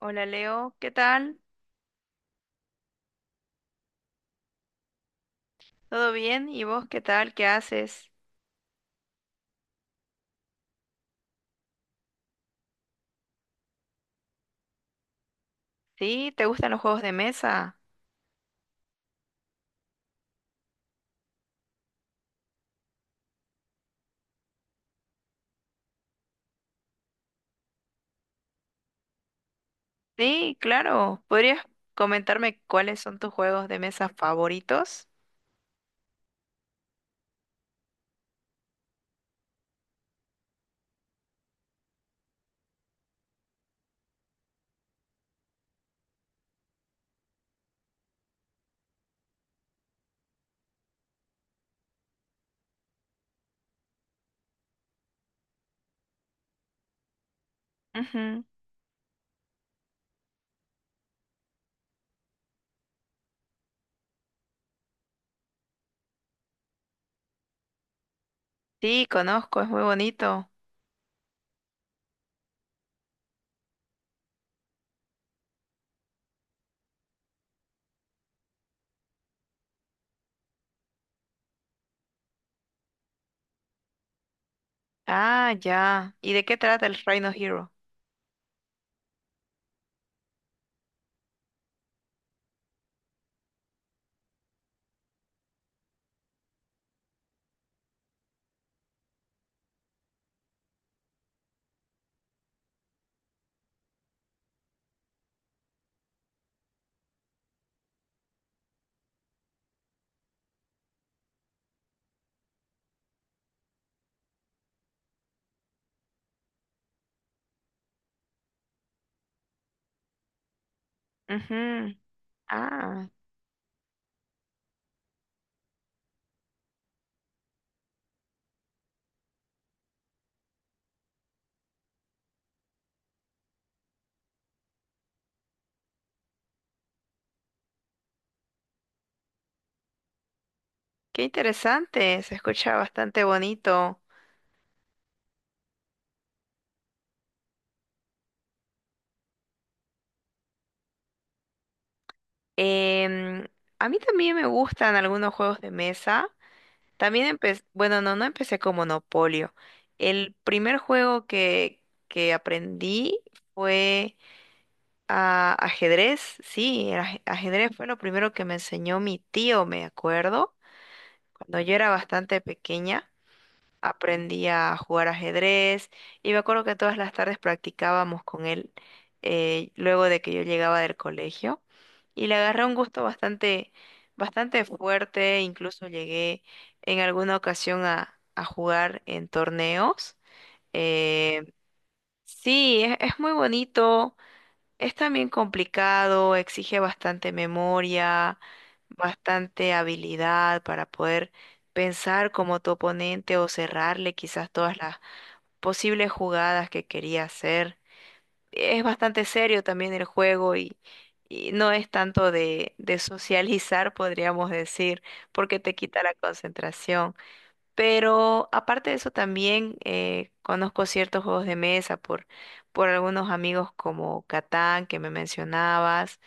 Hola Leo, ¿qué tal? ¿Todo bien? ¿Y vos qué tal? ¿Qué haces? ¿Sí? ¿Te gustan los juegos de mesa? Sí, claro. ¿Podrías comentarme cuáles son tus juegos de mesa favoritos? Ujú. Sí, conozco, es muy bonito. Ah, ya. ¿Y de qué trata el Reino Hero? Ujú. Ah, qué interesante. Se escucha bastante bonito. Em, a mí también me gustan algunos juegos de mesa. También empecé, bueno, no empecé con Monopolio. El primer juego que aprendí fue ajedrez. Sí, el ajedrez fue lo primero que me enseñó mi tío, me acuerdo, cuando yo era bastante pequeña aprendí a jugar ajedrez y me acuerdo que todas las tardes practicábamos con él luego de que yo llegaba del colegio y le agarré un gusto bastante, bastante fuerte, incluso llegué en alguna ocasión a jugar en torneos. Eh, sí, es muy bonito. Es también complicado, exige bastante memoria, bastante habilidad para poder pensar como tu oponente o cerrarle quizás todas las posibles jugadas que quería hacer. Es bastante serio también el juego y no es tanto de socializar, podríamos decir, porque te quita la concentración. Pero aparte de eso también conozco ciertos juegos de mesa por algunos amigos como Catán que me mencionabas.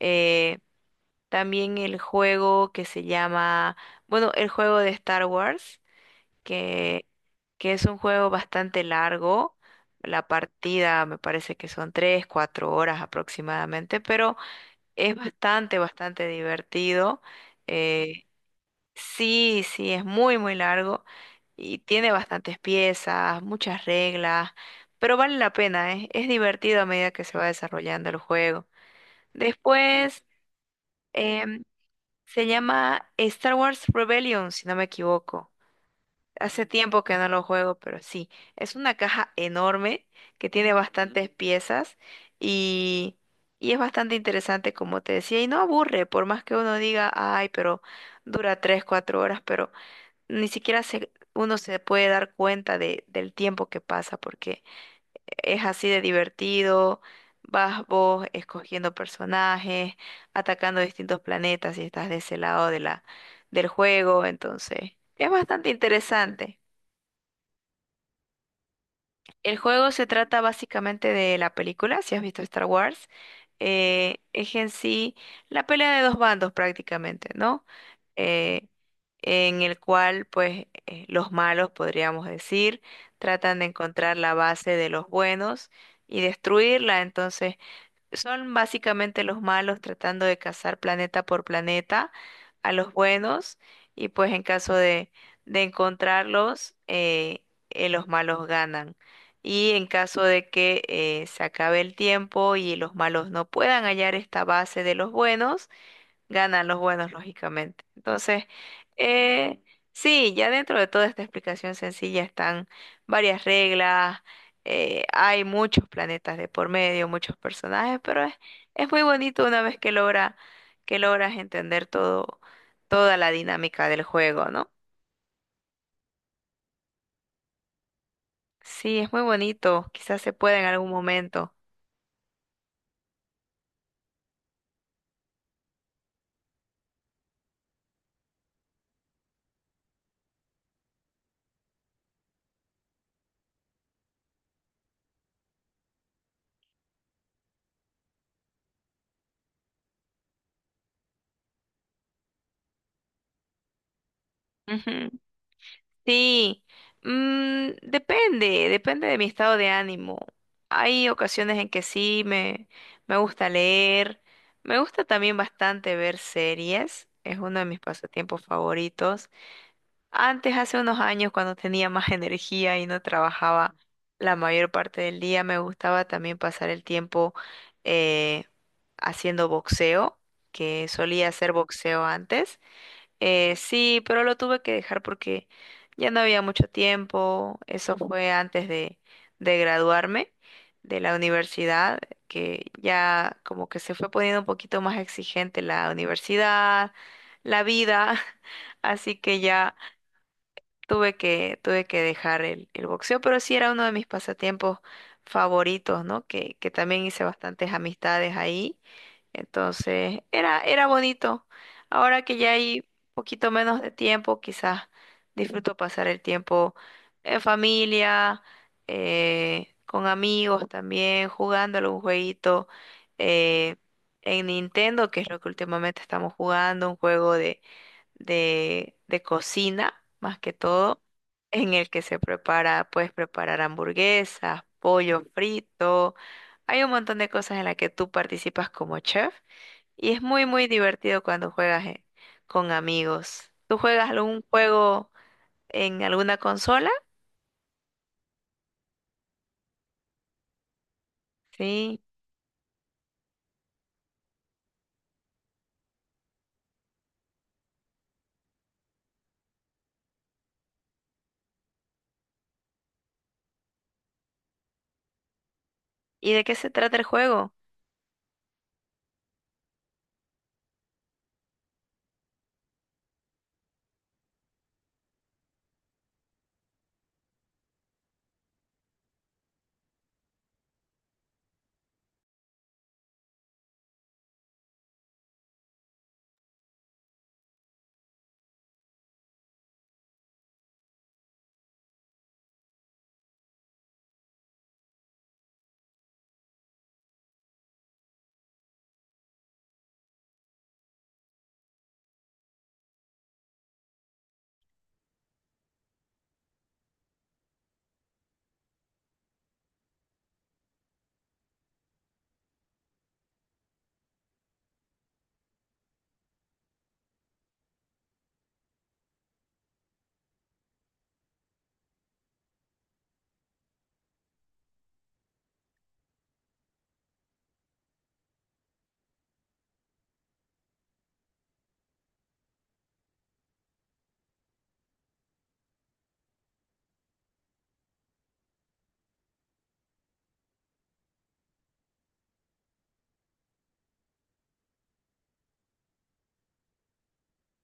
eh, También el juego que se llama, bueno, el juego de Star Wars, que, que es un juego bastante largo. La partida me parece que son tres, cuatro horas aproximadamente, pero es bastante, bastante divertido. eh, Sí, sí, es muy, muy largo y tiene bastantes piezas, muchas reglas, pero vale la pena, ¿eh? Es divertido a medida que se va desarrollando el juego. Después, em, se llama Star Wars Rebellion, si no me equivoco. Hace tiempo que no lo juego, pero sí, es una caja enorme que tiene bastantes piezas y, y es bastante interesante, como te decía, y no aburre, por más que uno diga, ay, pero dura 3, 4 horas, pero ni siquiera se, uno se puede dar cuenta de, del tiempo que pasa, porque es así de divertido, vas vos escogiendo personajes, atacando distintos planetas y estás de ese lado de la, del juego, entonces es bastante interesante. El juego se trata básicamente de la película, si has visto Star Wars. Es en sí la pelea de dos bandos prácticamente, ¿no? Eh, en el cual, pues, los malos, podríamos decir, tratan de encontrar la base de los buenos y destruirla. Entonces, son básicamente los malos tratando de cazar planeta por planeta a los buenos y pues en caso de encontrarlos, los malos ganan. Y en caso de que se acabe el tiempo y los malos no puedan hallar esta base de los buenos, ganan los buenos, lógicamente. Entonces, eh, sí, ya dentro de toda esta explicación sencilla están varias reglas, hay muchos planetas de por medio, muchos personajes, pero es muy bonito una vez que logra, que logras entender todo, toda la dinámica del juego, ¿no? Sí, es muy bonito, quizás se pueda en algún momento. Ujú. Sí, mm, depende, depende de mi estado de ánimo. Hay ocasiones en que sí, me gusta leer, me gusta también bastante ver series, es uno de mis pasatiempos favoritos. Antes, hace unos años, cuando tenía más energía y no trabajaba la mayor parte del día, me gustaba también pasar el tiempo eh, haciendo boxeo, que solía hacer boxeo antes. Sí, pero lo tuve que dejar porque ya no había mucho tiempo. Eso fue antes de graduarme de la universidad, que ya como que se fue poniendo un poquito más exigente la universidad, la vida. Así que ya tuve que dejar el boxeo, pero sí era uno de mis pasatiempos favoritos, ¿no? Que también hice bastantes amistades ahí. Entonces, era, era bonito. Ahora que ya hay un poquito menos de tiempo, quizás disfruto pasar el tiempo en familia, con amigos también, jugando algún jueguito eh, en Nintendo, que es lo que últimamente estamos jugando, un juego de cocina, más que todo, en el que se prepara, puedes preparar hamburguesas, pollo frito. Hay un montón de cosas en las que tú participas como chef. Y es muy, muy divertido cuando juegas con amigos. ¿Tú juegas algún juego en alguna consola? Sí. ¿Y de qué se trata el juego?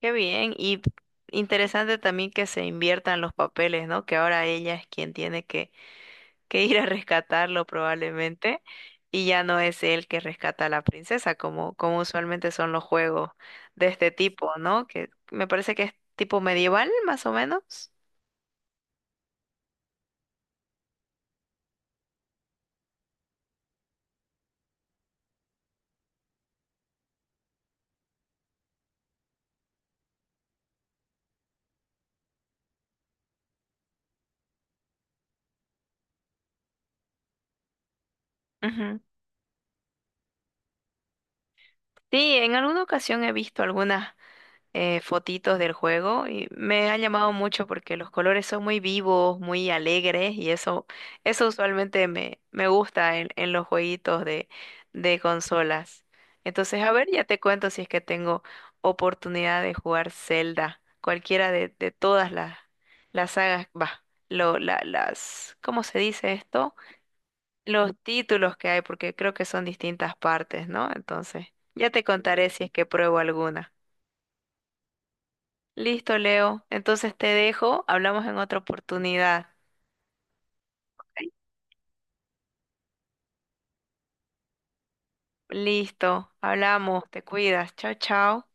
Qué bien. Y interesante también que se inviertan los papeles, ¿no? Que ahora ella es quien tiene que ir a rescatarlo probablemente. Y ya no es él que rescata a la princesa, como, como usualmente son los juegos de este tipo, ¿no? Que me parece que es tipo medieval, más o menos. Ujú. Sí, en alguna ocasión he visto algunas fotitos del juego y me ha llamado mucho porque los colores son muy vivos, muy alegres y eso usualmente me, me gusta en los jueguitos de consolas. Entonces, a ver, ya te cuento si es que tengo oportunidad de jugar Zelda, cualquiera de todas las sagas, va, lo, las, ¿cómo se dice esto? Los títulos que hay, porque creo que son distintas partes, ¿no? Entonces, ya te contaré si es que pruebo alguna. Listo, Leo. Entonces te dejo. Hablamos en otra oportunidad. Listo. Hablamos. Te cuidas. Chao, chao.